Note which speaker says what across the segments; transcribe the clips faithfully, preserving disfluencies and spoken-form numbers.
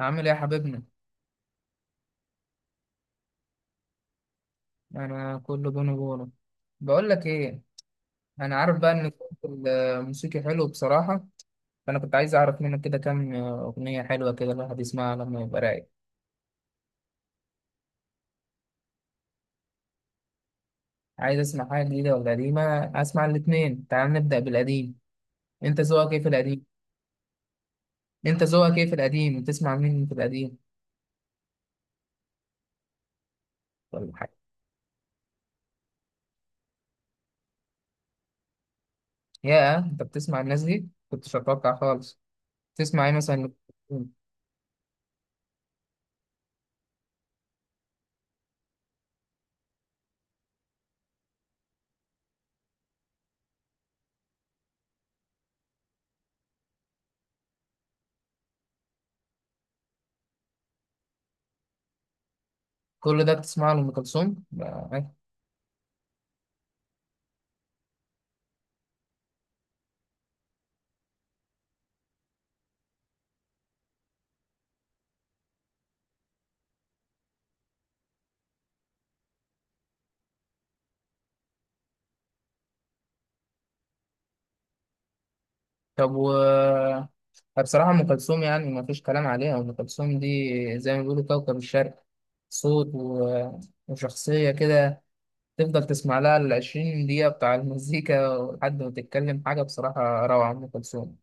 Speaker 1: عامل ايه يا حبيبنا؟ انا كله بونو بونو. بقول لك ايه، انا عارف بقى ان ذوقك الموسيقي حلو بصراحه، فانا كنت عايز اعرف منك كده كام اغنيه حلوه كده الواحد يسمعها لما يبقى رايق. عايز اسمع حاجه جديده ولا قديمه؟ اسمع الاتنين. تعال نبدا بالقديم. انت ذوقك ايه في القديم انت ذوقك ايه في القديم، بتسمع مين في القديم؟ ولا حاجه. يا انت بتسمع الناس دي، كنتش اتوقع خالص. تسمع ايه مثلا؟ كل ده بتسمعه لأم كلثوم؟ طب. و بصراحة أم كلثوم يعني ما فيش كلام عليها. أم كلثوم دي زي ما بيقولوا كوكب الشرق. صوت و... وشخصية كده. تفضل تسمع لها العشرين دقيقة بتاع المزيكا لحد ما تتكلم حاجة. بصراحة روعة أم كلثوم.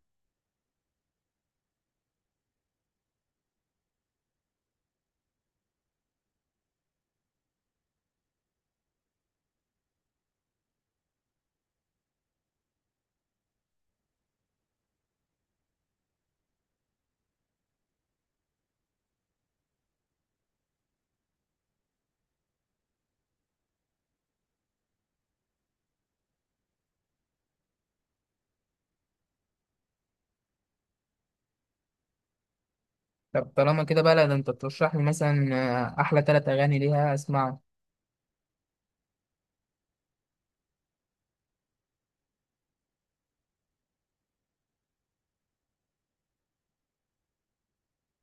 Speaker 1: طب طالما كده بقى، لا ده أنت ترشح لي مثلا أحلى تلات أغاني ليها أسمعهم.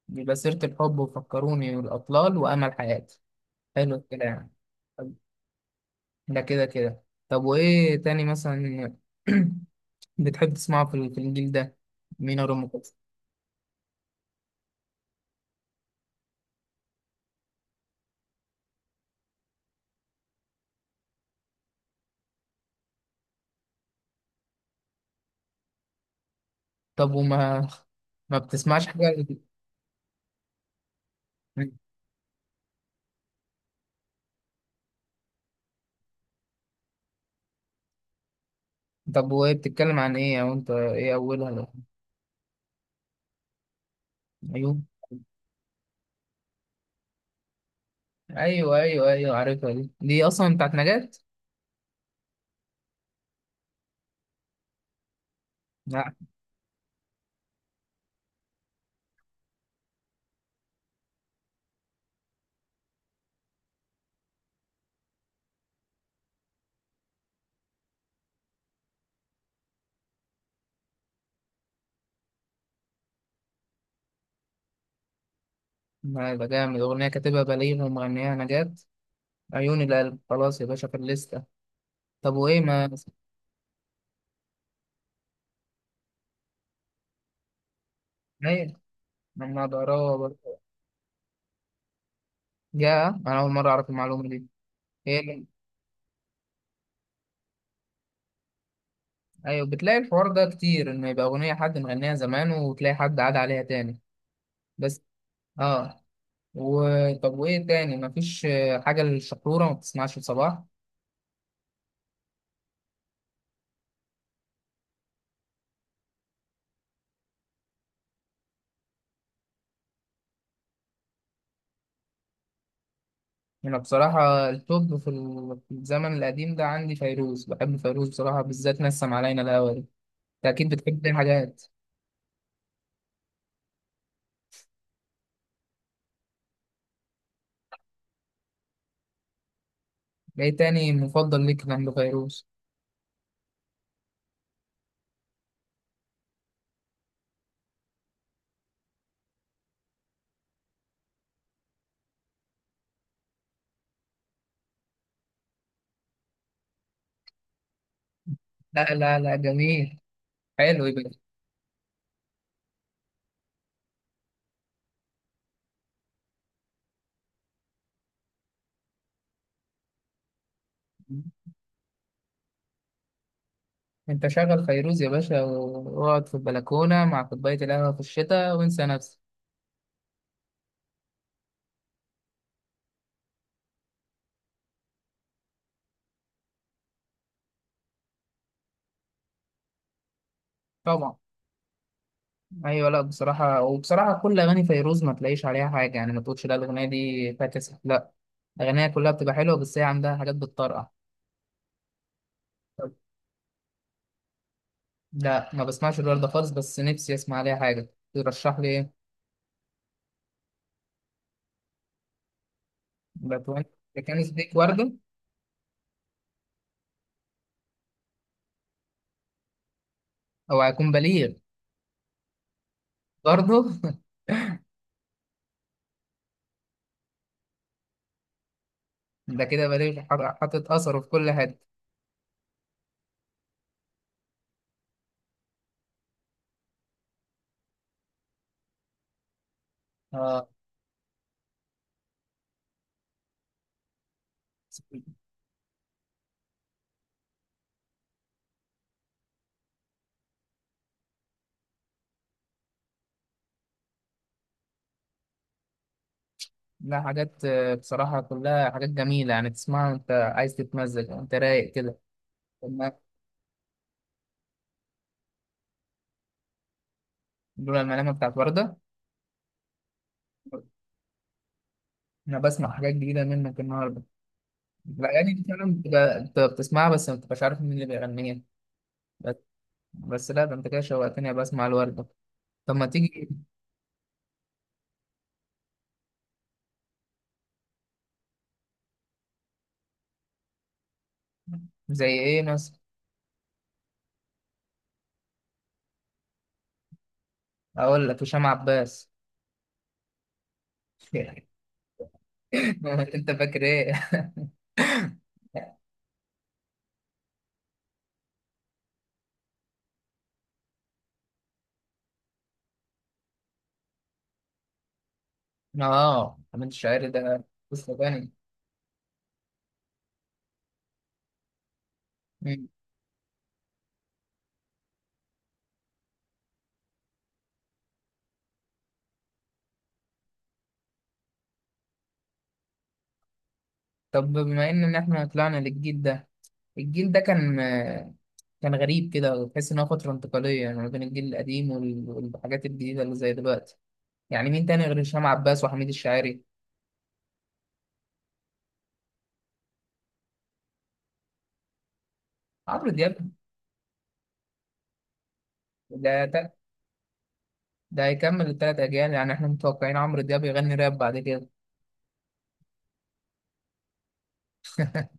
Speaker 1: يبقى سيرة الحب وفكروني والأطلال وأمل حياتي. حلو الكلام. طب، ده كده كده. طب وإيه تاني مثلا؟ بتحب تسمعه في ال- في الجيل ده؟ مين أو أم كلثوم؟ طب. وما ما بتسمعش حاجة؟ طب وهي بتتكلم عن إيه أو أنت إيه أولها لو- أيوه. أيوه أيوه أيوه، عارفها. دي دي أصلا بتاعت نجاة. لا لا، ده جامد. أغنية كاتبها بليغ ومغنيها نجاة. عيون القلب خلاص يا باشا في الليستة. طب وإيه ما أيوه. ما ضراها برضه. يا أنا أول مرة أعرف المعلومة دي. هي اللي- أيوه. بتلاقي الحوار ده كتير، إن يبقى أغنية حد مغنيها زمان وتلاقي حد عاد عليها تاني. بس. اه. و... طب وايه تاني؟ مفيش آه، حاجة للشحرورة؟ ما بتسمعش لصباح؟ انا بصراحة التوب في ال- في الزمن القديم ده عندي فيروز. بحب فيروز بصراحة، بالذات نسم علينا الهوا دي. انت اكيد بتحب دي حاجات. ايه تاني مفضل ليك عند فيروز؟ لا لا لا، جميل. حلو يبقى. انت شغل فيروز يا باشا واقعد في البلكونة مع كوباية القهوة في الشتاء وانسى نفسك. طبعا. ايوه. لا بصراحه، وبصراحه كل اغاني فيروز ما تلاقيش عليها حاجه، يعني ما تقولش لا الاغنيه دي فاكس، لا. اغانيها كلها بتبقى حلوه، بس هي عندها حاجات بتطرقع. لا، ما بسمعش الورده خالص، بس نفسي اسمع عليها حاجه. ترشح لي ايه؟ بتوين؟ ده كان سبيك ورده. او هيكون بليغ؟ برضه. ده كده بليغ حر- حاطط اثره في كل حته. اه. لا حاجات، آه، بصراحه كلها حاجات جميله يعني، تسمعها وانت عايز تتمزج وانت رايق كده. لما- لولا الملامه بتاعت ورده. انا بسمع حاجات جديده منك النهارده. الاغاني دي فعلا بتبقى انت بتسمعها بس ما بتبقاش عارف مين اللي بيغنيها. بس, بس لا ده انت كده شوقتني أبقى اسمع الورده. طب ما تيجي. زي ايه مثلا؟ اقول لك هشام عباس. انت فاكر ايه؟ اه حميد الشاعري ده قصه تانية. مم. طب بما ان إن احنا طلعنا للجيل ده. الجيل ده كان كان غريب كده، وتحس ان هو فتره انتقاليه، يعني ما بين الجيل القديم وال- والحاجات الجديده اللي زي دلوقتي. يعني مين تاني غير هشام عباس وحميد الشاعري؟ عمرو دياب. ده ده, ده هيكمل التلات أجيال. يعني إحنا متوقعين عمرو دياب يغني راب بعد كده.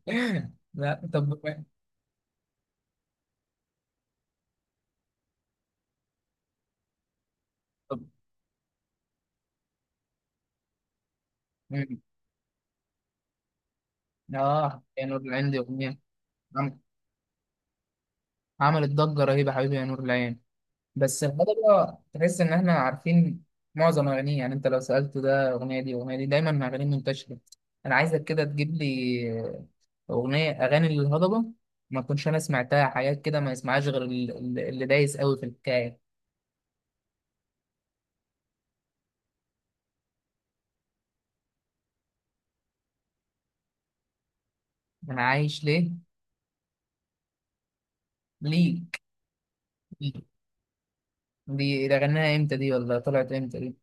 Speaker 1: لا طب. طب. مم. آه يا نور العين دي أغنية. عم- عملت ضجة رهيبة حبيبي يا نور العين. بس الهضبة تحس إن إحنا عارفين معظم أغانيه. يعني أنت لو سألته ده أغنية دي أغنية دي، دايما أغانيه منتشرة. أنا عايزك كده تجيب لي أغنية، أغاني للهضبة ما كنتش أنا سمعتها. حاجات كده ما يسمعهاش غير ال- ال- اللي دايس قوي في الحكاية. انا عايش ليه ليك ليك. دي ده غناها امتى دي ولا طلعت امتى دي؟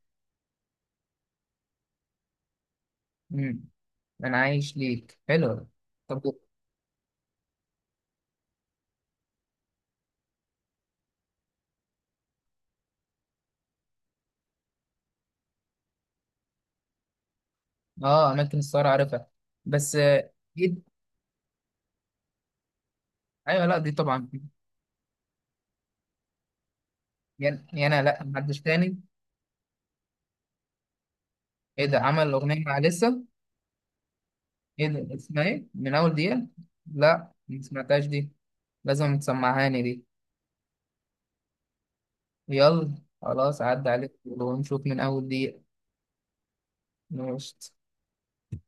Speaker 1: امم انا عايش ليك حلو. طب. اه اماكن السهر عارفها، بس آه، دي. ايوه. لا دي طبعا. يعني يعني انا لا محدش تاني. ايه ده عمل اغنيه مع لسه؟ ايه ده اسمها ايه من اول دقيقه؟ لا ما سمعتهاش دي. لازم تسمعهاني دي. يلا. خلاص عدى عليك ونشوف من اول دقيقه. ماشي.